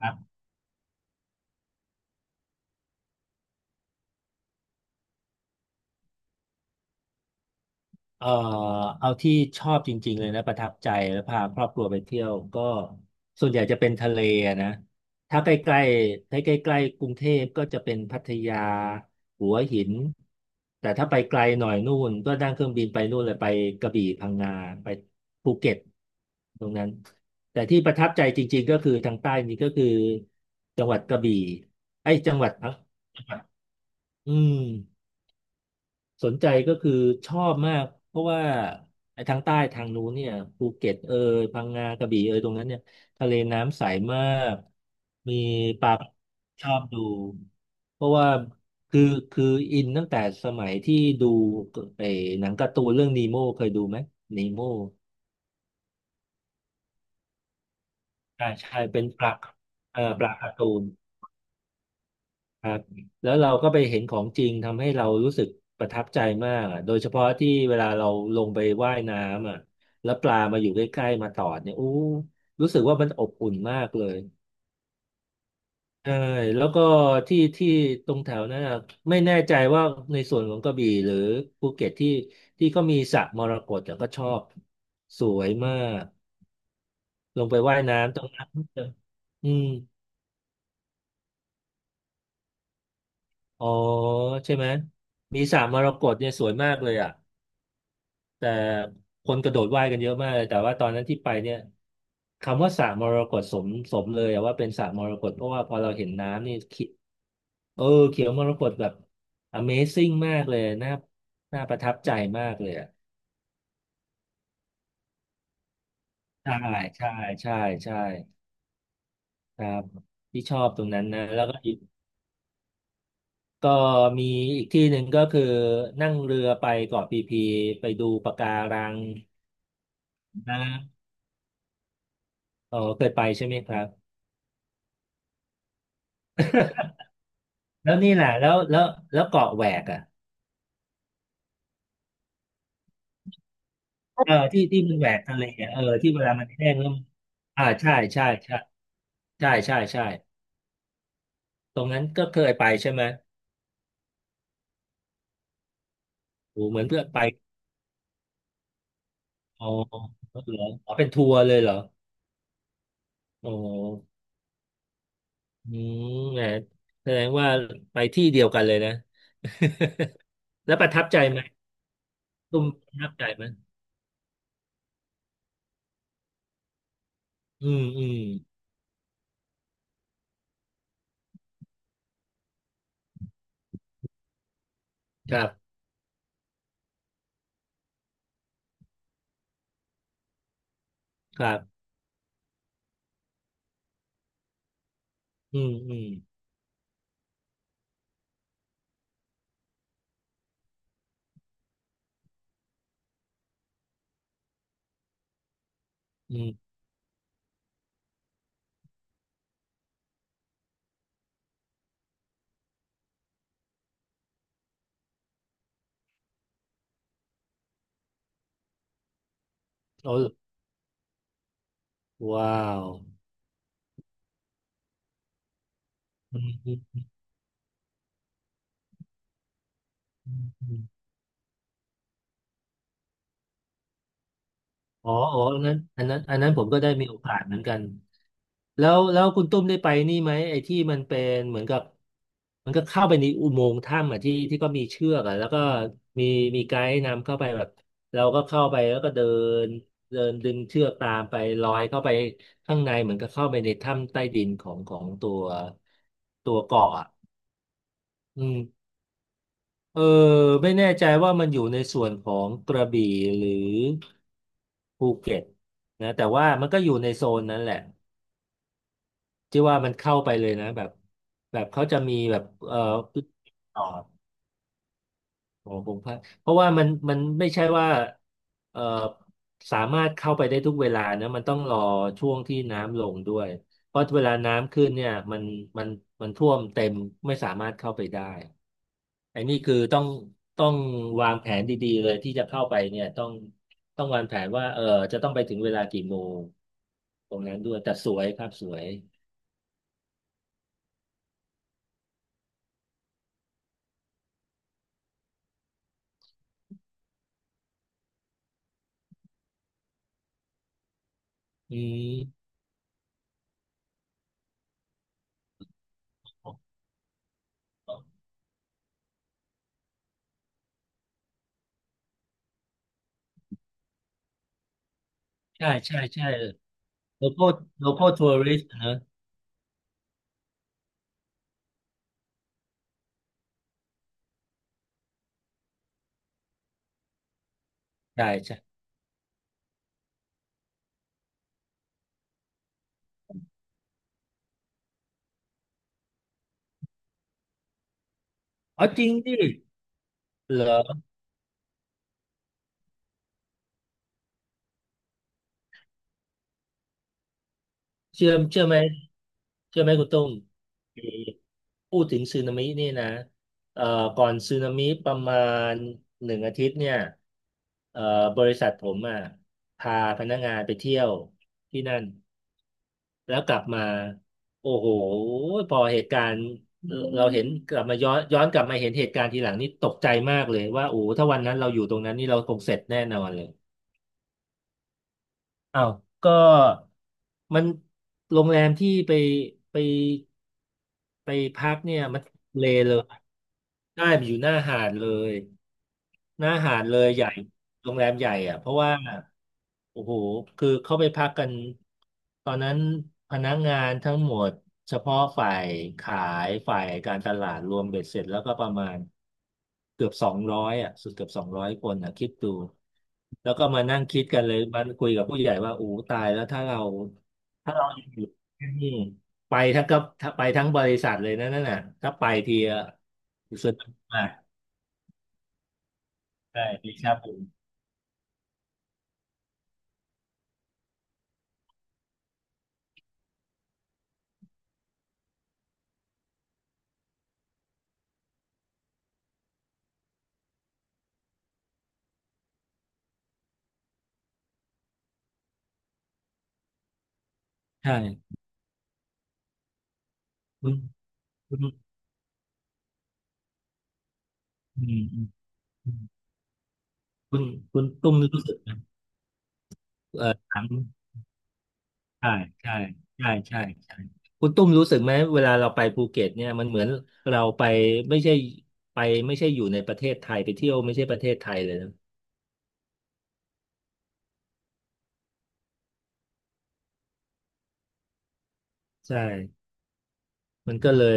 ครับเอ่อเอาที่ชอบจริงๆเลยนะประทับใจแล้วพาครอบครัวไปเที่ยวก็ส่วนใหญ่จะเป็นทะเลอะนะถ้าใกล้ๆถ้าใกล้ๆกรุงเทพก็จะเป็นพัทยาหัวหินแต่ถ้าไปไกลหน่อยนู่นก็นั่งเครื่องบินไปนู่นเลยไปกระบี่พังงาไปภูเก็ตตรงนั้นแต่ที่ประทับใจจริงๆก็คือทางใต้นี้ก็คือจังหวัดกระบี่ไอ้ยจังหวัดพังจังหวัดอืม สนใจก็คือชอบมากเพราะว่าไอ้ทางใต้ทางนู้นเนี่ยภูเก็ตเอยพังงากระบี่เอยตรงนั้นเนี่ยทะเลน้ำใสมากมีปลาชอบดูเพราะว่าคือคืออินตั้งแต่สมัยที่ดูไอ้หนังการ์ตูนเรื่องนีโม่เคยดูไหมนีโม่ใช่ใช่เป็นปลาปลาการ์ตูน ครับแล้วเราก็ไปเห็นของจริงทำให้เรารู้สึกประทับใจมากอะโดยเฉพาะที่เวลาเราลงไปว่ายน้ำอ่ะแล้วปลามาอยู่ใกล้ๆมาตอดเนี่ยอู้รู้สึกว่ามันอบอุ่นมากเลยใช่แล้วก็ที่ที่ตรงแถวนั้นอะไม่แน่ใจว่าในส่วนของกระบี่หรือภูเก็ตที่ที่ก็มีสระมรกตแต่ก็ชอบสวยมากลงไปว่ายน้ำตรงนั้นอืมอ๋อใช่ไหมมีสระมรกตเนี่ยสวยมากเลยอ่ะ แต่คนกระโดดว่ายกันเยอะมากเลยแต่ว่าตอนนั้นที่ไปเนี่ยคำว่าสระมรกตสมสมเลยอะว่าเป็นสระมรกตเพราะว่าพอเราเห็นน้ำนี่เขีเออเขียวมรกตแบบ Amazing มากเลยน่าน่าประทับใจมากเลยอะใช่ใช่ใช่ใช่ครับที่ชอบตรงนั้นนะแล้วก็อีกก็มีอีกที่หนึ่งก็คือนั่งเรือไปเกาะพีพีไปดูปะการังนะอ๋อเคยไปใช่ไหมครับแล้วนี่แหละแล้วแล้วแล้วเกาะแหวกอ่ะ เออที่ที่มันแหวกทะเลอะเออที่เวลามันแห้งแล้วมันอ่าใช่ตรงนั้นก็เคยไปใช่ไหมโอ้เหมือนเพื่อนไปอ๋อเหรออ๋อเป็นทัวร์เลยเหรอโอ้โหอืมแหมแสดงว่าไปที่เดียวกันเลยนะ แล้วประทับใจไหมตุ้มประทับใจไหมอืมอืมครับครับอืมอืมอืมโอ้ว้าวอืมอืมอืมอืมอ๋ออันนั้นผมก็ได้มีโอกาสเหมือนกัน แล้วคุณตุ้มได้ไปนี่ไหมไอ้ที่มันเป็นเหมือนกับมันก็เข้าไปในอุโมงค์ถ้ำอ่ะที่ที่ก็มีเชือกอ่ะแล้วก็มีมีไกด์นำเข้าไปแบบเราก็เข้าไปแล้วก็เดินเดินดึงเชือกตามไปลอยเข้าไปข้างในเหมือนกับเข้าไปในถ้ำใต้ดินของตัวตัวเกาะอ่ะอืมเออไม่แน่ใจว่ามันอยู่ในส่วนของกระบี่หรือภูเก็ตนะแต่ว่ามันก็อยู่ในโซนนั้นแหละ ที่ว่ามันเข้าไปเลยนะแบบแบบเขาจะมีแบบต่อของพงษ์พัฒน์เพราะว่ามันไม่ใช่ว่าเอ่อสามารถเข้าไปได้ทุกเวลานะมันต้องรอช่วงที่น้ำลงด้วยเพราะเวลาน้ำขึ้นเนี่ยมันมันท่วมเต็มไม่สามารถเข้าไปได้ไอ้นี่คือต้องวางแผนดีๆเลยที่จะเข้าไปเนี่ยต้องวางแผนว่าเออจะต้องไปถึงเวลากี่โมงตรงนั้นด้วยแต่สวยครับสวยอืม ใช่โลคอลโลคอลทัวริสต์นะใช่ใช่อ๋อจริงดิเหรอเชื่อไหมเชื่อไหมคุณตุ้มมีพูดถึงสึนามินี่นะเอ่อก่อนสึนามิประมาณหนึ่งอาทิตย์เนี่ยเอ่อบริษัทผมอ่ะพาพนักงานไปเที่ยวที่นั่น แล้วกลับมาโอ้โหพอเหตุการณ์เออเราเห็นกลับมาย้อนกลับมาเห็นเหตุการณ์ทีหลังนี่ตกใจมากเลยว่าโอ้โหถ้าวันนั้นเราอยู่ตรงนั้นนี่เราคงเสร็จแน่นอนเลยอ้าวก็มันโรงแรมที่ไปไปไปพักเนี่ยมันเลเลยได้ไปอยู่หน้าหาดเลยหน้าหาดเลยใหญ่โรงแรมใหญ่อ่ะเพราะว่า โอ้โหคือเข้าไปพักกันตอนนั้นพนักงานทั้งหมดเฉพาะฝ่ายขายฝ่ายการตลาดรวมเบ็ดเสร็จแล้วก็ประมาณเกือบสองร้อยอ่ะสุดเกือบสองร้อยคนอ่ะคิดดูแล้วก็มานั่งคิดกันเลยมันคุยกับผู้ใหญ่ว่าโอ้ตายแล้วถ้าเราอยู่ที่นี่ไปทั้งกับถ้าไปทั้งบริษัทเลยนะนั่นน่ะถ้าไปทีอะสุดมากใช่ดีชาบูใช่คุณคุณอืม คุณคุณตุ้มรู้สึกไหมถามใช่ใช่ใช่ใช่ใช่คุณตุ้มรู้สึกไหมเวลาเราไปภูเก็ตเนี่ยมันเหมือนเราไปไม่ใช่ไปไม่ใช่อยู่ในประเทศไทยไปเที่ยวไม่ใช่ประเทศไทยเลยนะใช่มันก็เลย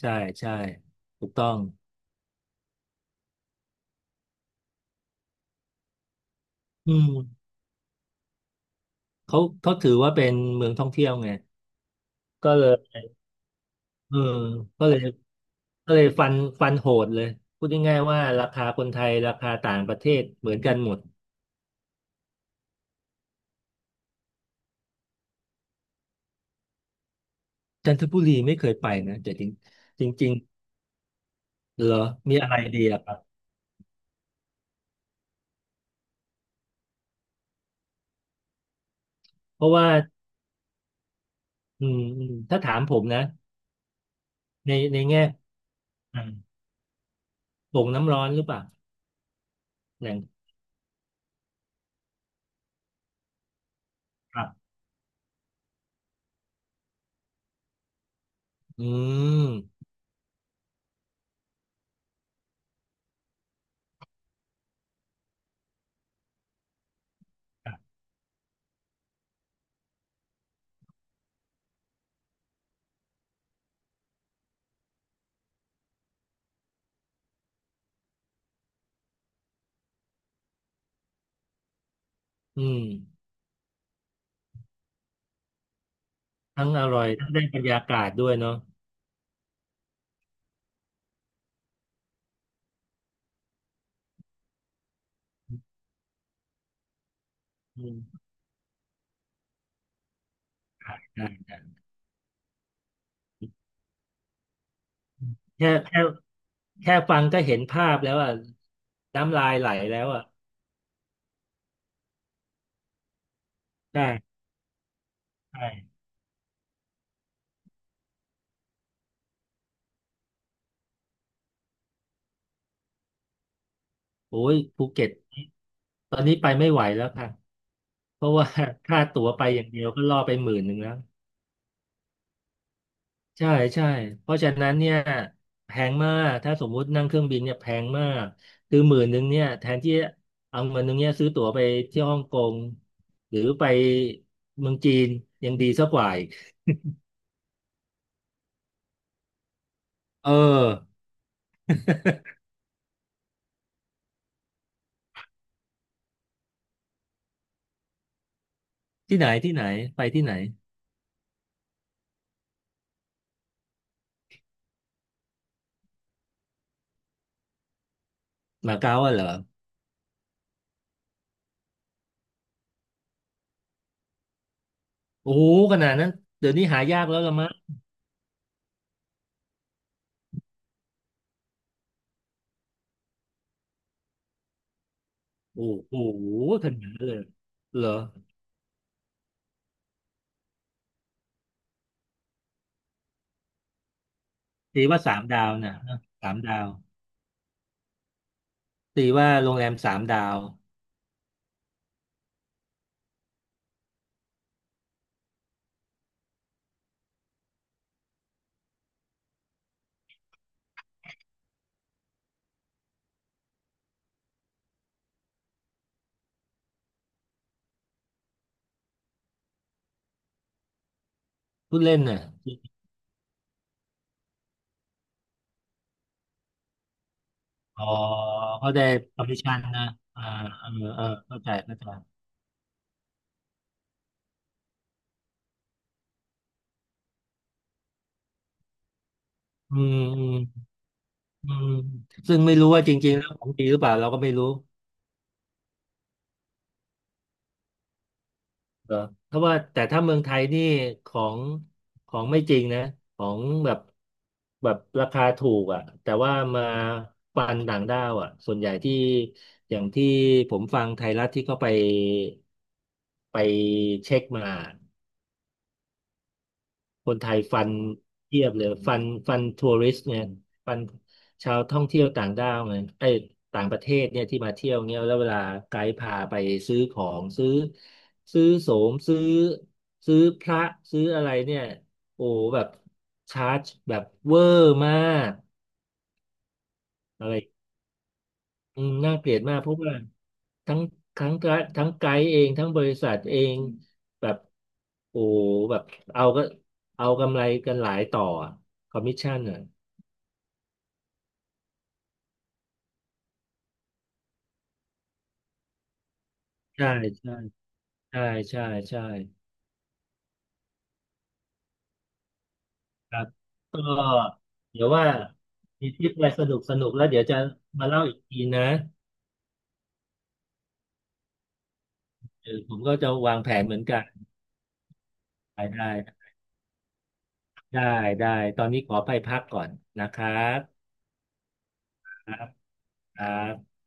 ใช่ใช่ถูกต้องอืมเขาถือว่าเป็นเมืองท่องเที่ยวไงก็เลยเออก็เลยฟันโหดเลยพูดง่ายๆว่าราคาคนไทยราคาต่างประเทศเหมือนกันหมดจันทบุรีไม่เคยไปนะแต่จริงจริง เหรอมีอะไรดีอะครับ เพราะว่าถ้าถามผมนะในแง่อืโป่งน้ำร้อนหรือเปล่าแหล่งครับอืมครับอืมทั้งอร่อย ทั้งได้บรรยากาศด้วยเนาะอืมได้ได้ได้แค่แค่แค่ฟังก็เห็นภาพแล้วอ่ะน้ำลายไหลแล้วอ่ะใช่ใช่โอ้ยภูเก็ตตอนนี้ไปไม่ไหวแล้วค่ะเพราะว่า ค่าตั๋วไปอย่างเดียวก็ล่อไปหมื่นหนึ่งแล้ว ใช่ใช่เพราะฉะนั้นเนี่ยแพงมากถ้าสมมุตินั่งเครื่องบินเนี่ยแพงมากคือหมื่นหนึ่งเนี่ยแทนที่เอาเงินหนึ่งเนี่ยซื้อตั๋วไปเที่ยวฮ่องกงหรือไปเมืองจีนยังดีสักกว่าอีกเออที่ไหนที่ไหนไปที่ไหนมาเก๊าอะเหรอโอ้โหขนาดนั้นเดี๋ยวนี้หายากแล้วละมั้งโอ้โหขนาดนั้นเลยเหรอตีว่าสามดาวนะสามดาวตีว่าโรงแรมสามดาวพูดเล่นน่ะ อ๋อเขาได้ permission นะอ่าเออเออเข้าใจเข้าใจอืมอืมอืมซึ่งไม่รู้ว่าจริงๆแล้วของจริงหรือเปล่าเราก็ไม่รู้เออเพราะว่าแต่ถ้าเมืองไทยนี่ของไม่จริงนะของแบบแบบราคาถูกอ่ะแต่ว่ามาปันต่างด้าวอ่ะส่วนใหญ่ที่อย่างที่ผมฟังไทยรัฐที่เขาไปไปเช็คมา คนไทยฟันเทียบเลยฟันทัวริสต์เนี่ยฟันชาวท่องเที่ยวต่างด้าวเนี่ยไอ้ยต่างประเทศเนี่ยที่มาเที่ยวเนี่ยแล้วเวลาไกด์พาไปซื้อของซื้อโสมซื้อพระซื้ออะไรเนี่ยโอ้แบบชาร์จแบบเวอร์มากอะไร อืมน่าเกลียดมากเพราะว่าทั้งทั้งทั้งไกด์เองทั้งบริษัทเองแบบโอ้โหแบบเอาก็เอากำไรกันหลายต่อคอมมิชชั่นอ่ะใช่ใช่ใช่ใช่ใช่ครับก็เดี๋ยวว่ามีทริปอะไรสนุกสนุกแล้วเดี๋ยวจะมาเล่าอีกทีนะเออผมก็จะวางแผนเหมือนกันได้ได้ได้ได้ตอนนี้ขอไปพักก่อนนะครับครับครับ